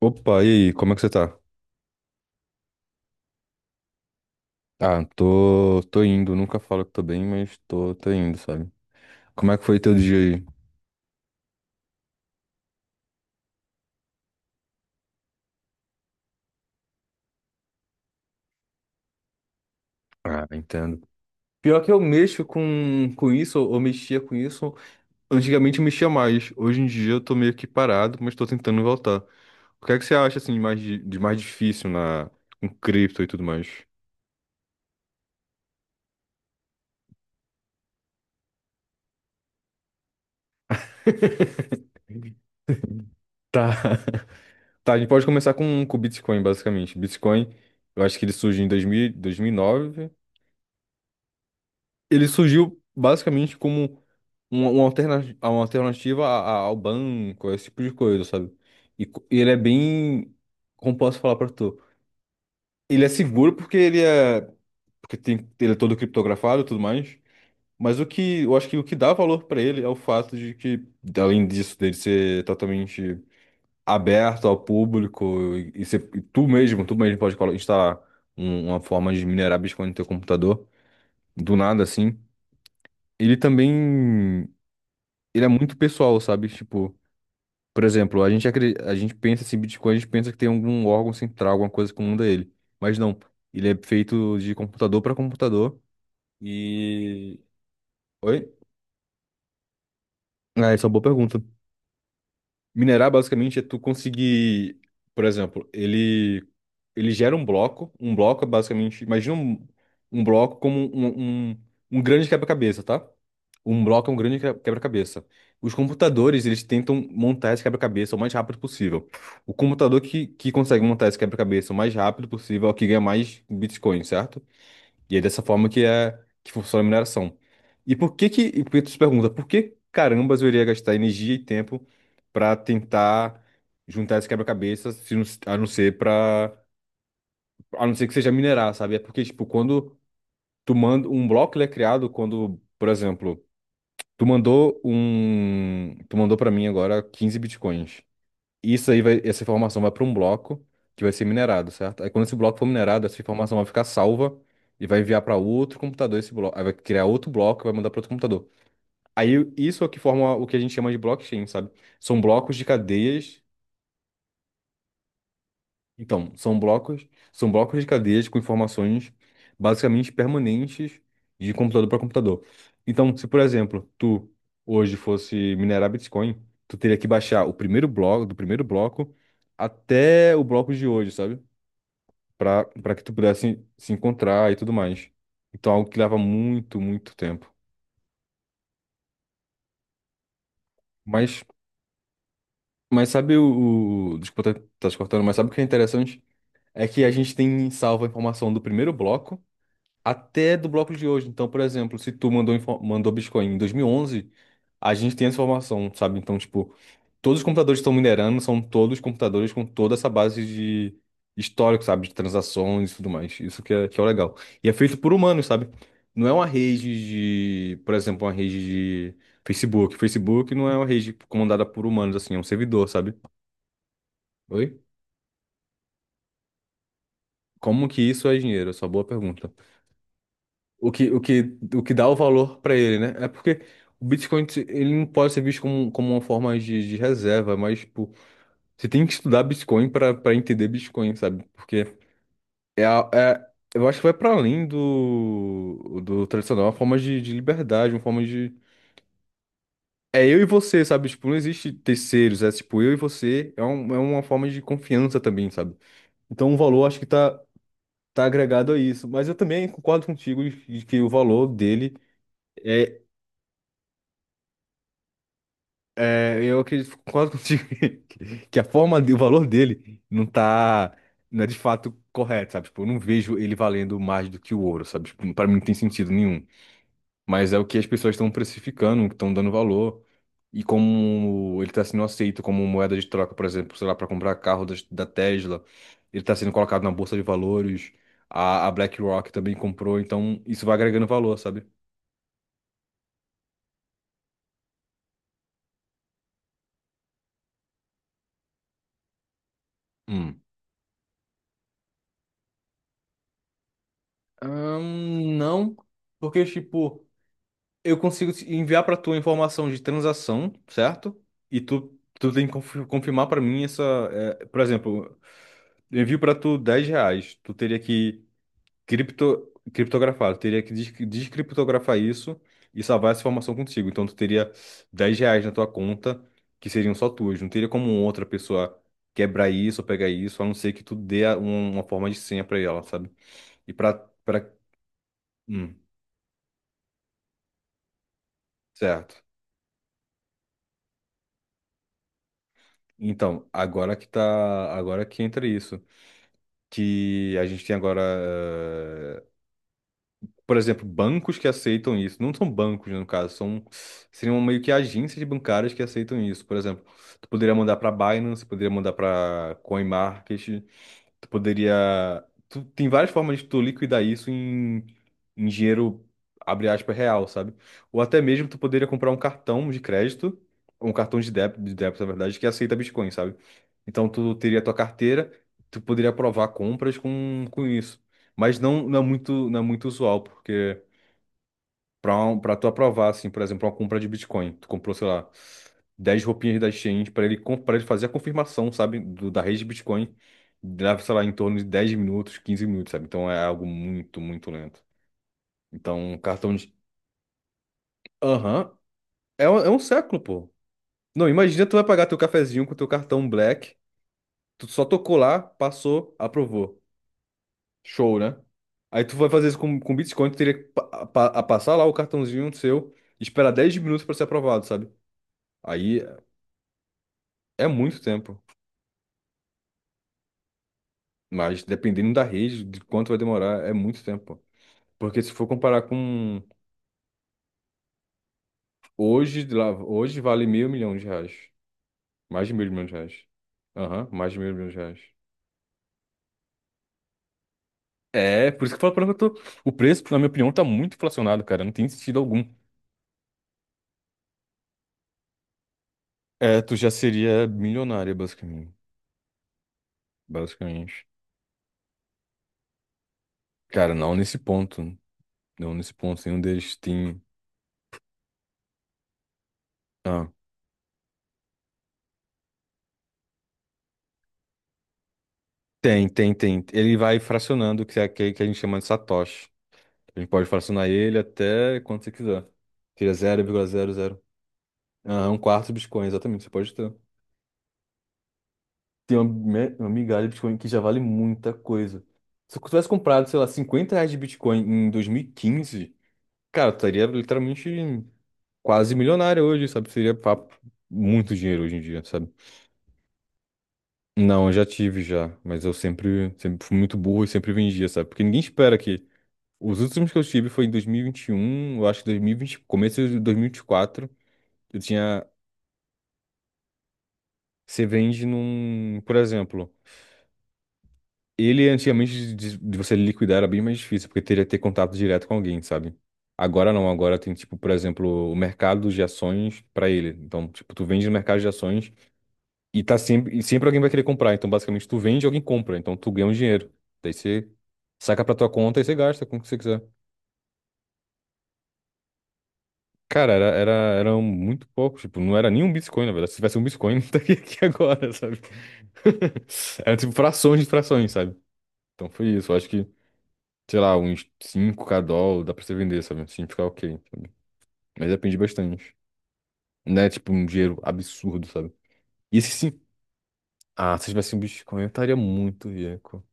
Opa, e aí, como é que você tá? Ah, tô indo, nunca falo que tô bem, mas tô indo, sabe? Como é que foi teu dia aí? Ah, entendo. Pior que eu mexo com isso, ou mexia com isso, antigamente eu mexia mais, hoje em dia eu tô meio que parado, mas tô tentando voltar. O que é que você acha, assim, de mais difícil com cripto e tudo mais? Tá. Tá, a gente pode começar com o Bitcoin, basicamente. Bitcoin, eu acho que ele surgiu em 2009. Ele surgiu basicamente como uma alternativa ao banco, esse tipo de coisa, sabe? E ele é bem, como posso falar pra tu? Ele é seguro porque ele é, porque tem, ele é todo criptografado e tudo mais. Mas o que eu acho que o que dá valor pra ele é o fato de que, além disso, dele ser totalmente aberto ao público e ser, e tu mesmo pode instalar uma forma de minerar Bitcoin no teu computador, do nada assim. Ele também, ele é muito pessoal, sabe? Tipo, por exemplo, a gente pensa assim, Bitcoin, a gente pensa que tem algum órgão central, alguma coisa que comanda ele. Mas não, ele é feito de computador para computador e... Oi? Ah, essa é uma boa pergunta. Minerar basicamente é tu conseguir, por exemplo, ele gera um bloco. Um bloco é basicamente, imagina um bloco como um grande quebra-cabeça, tá? Um bloco é um grande quebra-cabeça. Os computadores, eles tentam montar esse quebra-cabeça o mais rápido possível. O computador que consegue montar esse quebra-cabeça o mais rápido possível é o que ganha mais bitcoins, certo? E é dessa forma que é que funciona a mineração. E por que por que tu se pergunta, por que carambas eu iria gastar energia e tempo para tentar juntar esse quebra-cabeça, se não- a não ser para a não ser que seja minerar, sabe? É porque tipo, quando tu manda um bloco, ele é criado quando, por exemplo, tu mandou para mim agora 15 bitcoins. Essa informação vai para um bloco que vai ser minerado, certo? Aí quando esse bloco for minerado, essa informação vai ficar salva e vai enviar para outro computador esse bloco. Aí vai criar outro bloco e vai mandar para outro computador. Aí isso é o que forma o que a gente chama de blockchain, sabe? São blocos de cadeias então, são blocos, são blocos de cadeias com informações basicamente permanentes de computador para computador. Então, se por exemplo, tu hoje fosse minerar Bitcoin, tu teria que baixar do primeiro bloco até o bloco de hoje, sabe? Para que tu pudesse se encontrar e tudo mais. Então, algo que leva muito, muito tempo. Mas mas, sabe, o desculpa, tá te cortando, mas sabe o que é interessante? É que a gente tem salva a informação do primeiro bloco até do bloco de hoje. Então, por exemplo, se tu mandou, mandou Bitcoin em 2011, a gente tem essa informação, sabe? Então, tipo, todos os computadores que estão minerando são todos computadores com toda essa base de histórico, sabe? De transações e tudo mais. Isso que é o legal. E é feito por humanos, sabe? Não é uma rede de, por exemplo, uma rede de Facebook. Facebook não é uma rede comandada por humanos, assim, é um servidor, sabe? Oi? Como que isso é dinheiro? Essa é uma boa pergunta. O que dá o valor para ele, né? É porque o Bitcoin, ele não pode ser visto como uma forma de reserva, mas, tipo, você tem que estudar Bitcoin para entender Bitcoin, sabe? Porque é, a- é, eu acho que vai para além do tradicional, é uma forma de liberdade, uma forma de. É eu e você, sabe? Tipo, não existe terceiros, é tipo, eu e você, é uma forma de confiança também, sabe? Então o valor acho que tá agregado a isso. Mas eu também concordo contigo de que o valor dele. é É, eu acredito, concordo contigo que a forma, o valor dele não é de fato correto, sabe? Tipo, eu não vejo ele valendo mais do que o ouro, sabe? Tipo, para mim não tem sentido nenhum. Mas é o que as pessoas estão precificando, estão dando valor. E como ele tá sendo aceito como moeda de troca, por exemplo, sei lá, para comprar carro da Tesla, ele tá sendo colocado na bolsa de valores, a BlackRock também comprou, então isso vai agregando valor, sabe? Hum. Não, porque, tipo. Eu consigo te enviar para tu a informação de transação, certo? E tu tem que confirmar para mim essa. É, por exemplo, eu envio para tu 10 reais. Tu teria que criptografar, tu teria que descriptografar isso e salvar essa informação contigo. Então tu teria 10 reais na tua conta, que seriam só tuas. Não teria como outra pessoa quebrar isso ou pegar isso, a não ser que tu dê uma forma de senha para ela, sabe? E para. Pra... pra- hum, certo. Então, agora que entra isso, que a gente tem agora, por exemplo, bancos que aceitam isso. Não são bancos, no caso, são seriam meio que agências bancárias que aceitam isso. Por exemplo, tu poderia mandar para Binance, poderia mandar para CoinMarket, tu poderia. Tu, tem várias formas de tu liquidar isso em dinheiro, abre aspas, real, sabe? Ou até mesmo tu poderia comprar um cartão de crédito, ou um cartão de débito, na verdade, que aceita Bitcoin, sabe? Então tu teria tua carteira, tu poderia aprovar compras com isso. Mas não, não é muito usual, porque para tu aprovar, assim, por exemplo, uma compra de Bitcoin. Tu comprou, sei lá, 10 roupinhas da exchange para ele fazer a confirmação, sabe, da rede de Bitcoin. Leva, sei lá, em torno de 10 minutos, 15 minutos, sabe? Então é algo muito, muito lento. Então, um cartão de. Aham. É, é um século, pô. Não, imagina tu vai pagar teu cafezinho com teu cartão Black. Tu só tocou lá, passou, aprovou. Show, né? Aí tu vai fazer isso com Bitcoin, tu teria que pa- pa- a passar lá o cartãozinho seu, esperar 10 minutos para ser aprovado, sabe? Aí é muito tempo, mas dependendo da rede, de quanto vai demorar, é muito tempo. Porque se for comparar com hoje, de lá, hoje vale meio milhão de reais. Mais de meio milhão de reais. Aham, mais de meio milhão de reais. É, por isso que eu falo pra mim que eu tô. O preço, na minha opinião, tá muito inflacionado, cara. Não tem sentido algum. É, tu já seria milionária, basicamente. Basicamente. Cara, não nesse ponto. Não nesse ponto. Nenhum deles tem. Ah, tem, tem, tem. Ele vai fracionando, que é aquele que a gente chama de satoshi. A gente pode fracionar ele até quanto você quiser. Seria 0,00. Ah, um quarto de Bitcoin, exatamente, você pode ter. Tem uma migalha de Bitcoin que já vale muita coisa. Se eu tivesse comprado, sei lá, 50 reais de Bitcoin em 2015, cara, eu estaria literalmente quase milionário hoje, sabe? Seria papo, muito dinheiro hoje em dia, sabe? Não, eu já tive já, mas eu sempre, sempre fui muito burro e sempre vendia, sabe? Porque ninguém espera que. Os últimos que eu tive foi em dois mil e vinte e um, eu acho que 2020, começo de 2024. Eu tinha. Você vende num, por exemplo, ele antigamente de você liquidar era bem mais difícil, porque teria que ter contato direto com alguém, sabe? Agora não, agora tem tipo, por exemplo, o mercado de ações para ele. Então, tipo, tu vende no mercado de ações e sempre alguém vai querer comprar. Então, basicamente, tu vende e alguém compra. Então, tu ganha um dinheiro. Daí você saca pra tua conta e você gasta com o que você quiser. Cara, era muito pouco. Tipo, não era nem um Bitcoin, na verdade. Se tivesse um Bitcoin, não estaria aqui agora, sabe? Era tipo frações de frações, sabe? Então foi isso. Eu acho que sei lá, uns 5K dólar, dá pra você vender, sabe? Assim, ficar ok, sabe? Mas depende bastante. Não é tipo um dinheiro absurdo, sabe? E esse sim. Ah, se eu tivesse um Bitcoin, eu estaria muito rico.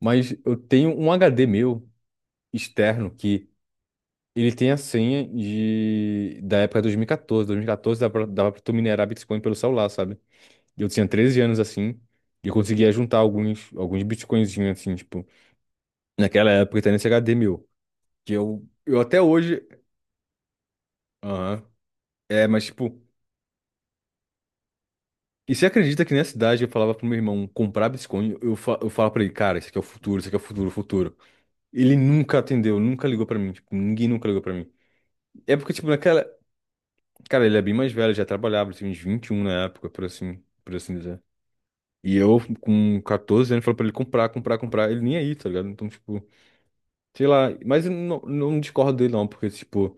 Mas eu tenho um HD meu externo que ele tem a senha da época de 2014. 2014 dava pra tu minerar Bitcoin pelo celular, sabe? E eu tinha 13 anos assim. E eu conseguia juntar alguns Bitcoinzinhos assim, tipo, naquela época, tá nesse HD meu. Que eu até hoje. Aham. É, mas tipo. E você acredita que nessa idade eu falava pro meu irmão comprar Bitcoin? Eu falava pra ele, cara, isso aqui é o futuro, isso aqui é o futuro, o futuro. Ele nunca atendeu, nunca ligou pra mim. Tipo, ninguém nunca ligou pra mim. É porque, tipo, naquela. Cara, ele é bem mais velho, já trabalhava, ele tinha uns 21 na época, por assim dizer. E eu, com 14 anos, falei pra ele comprar, comprar, comprar. Ele nem aí, tá ligado? Então, tipo, sei lá. Mas eu não discordo dele, não, porque, tipo,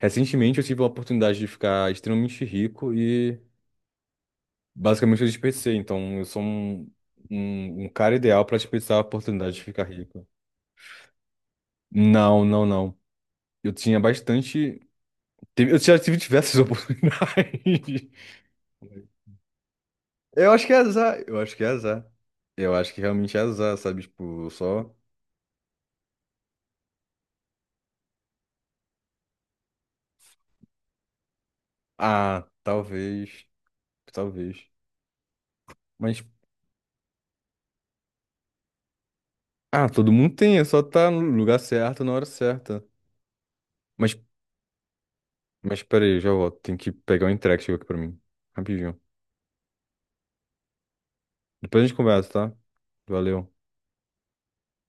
recentemente eu tive a oportunidade de ficar extremamente rico. Basicamente, eu desperdicei, então eu sou um cara ideal para desperdiçar a oportunidade de ficar rico. Não, não, não. Eu tinha bastante. Eu já tive diversas oportunidades. Eu acho que é azar. Eu acho que é azar. Eu acho que realmente é azar, sabe? Tipo, eu só. Ah, talvez. Talvez. Mas. Ah, todo mundo tem, é só tá no lugar certo, na hora certa. Mas, mas, peraí, eu já volto. Tem que pegar o entregue que chegou aqui pra mim. Rapidinho. Depois a gente conversa, tá? Valeu.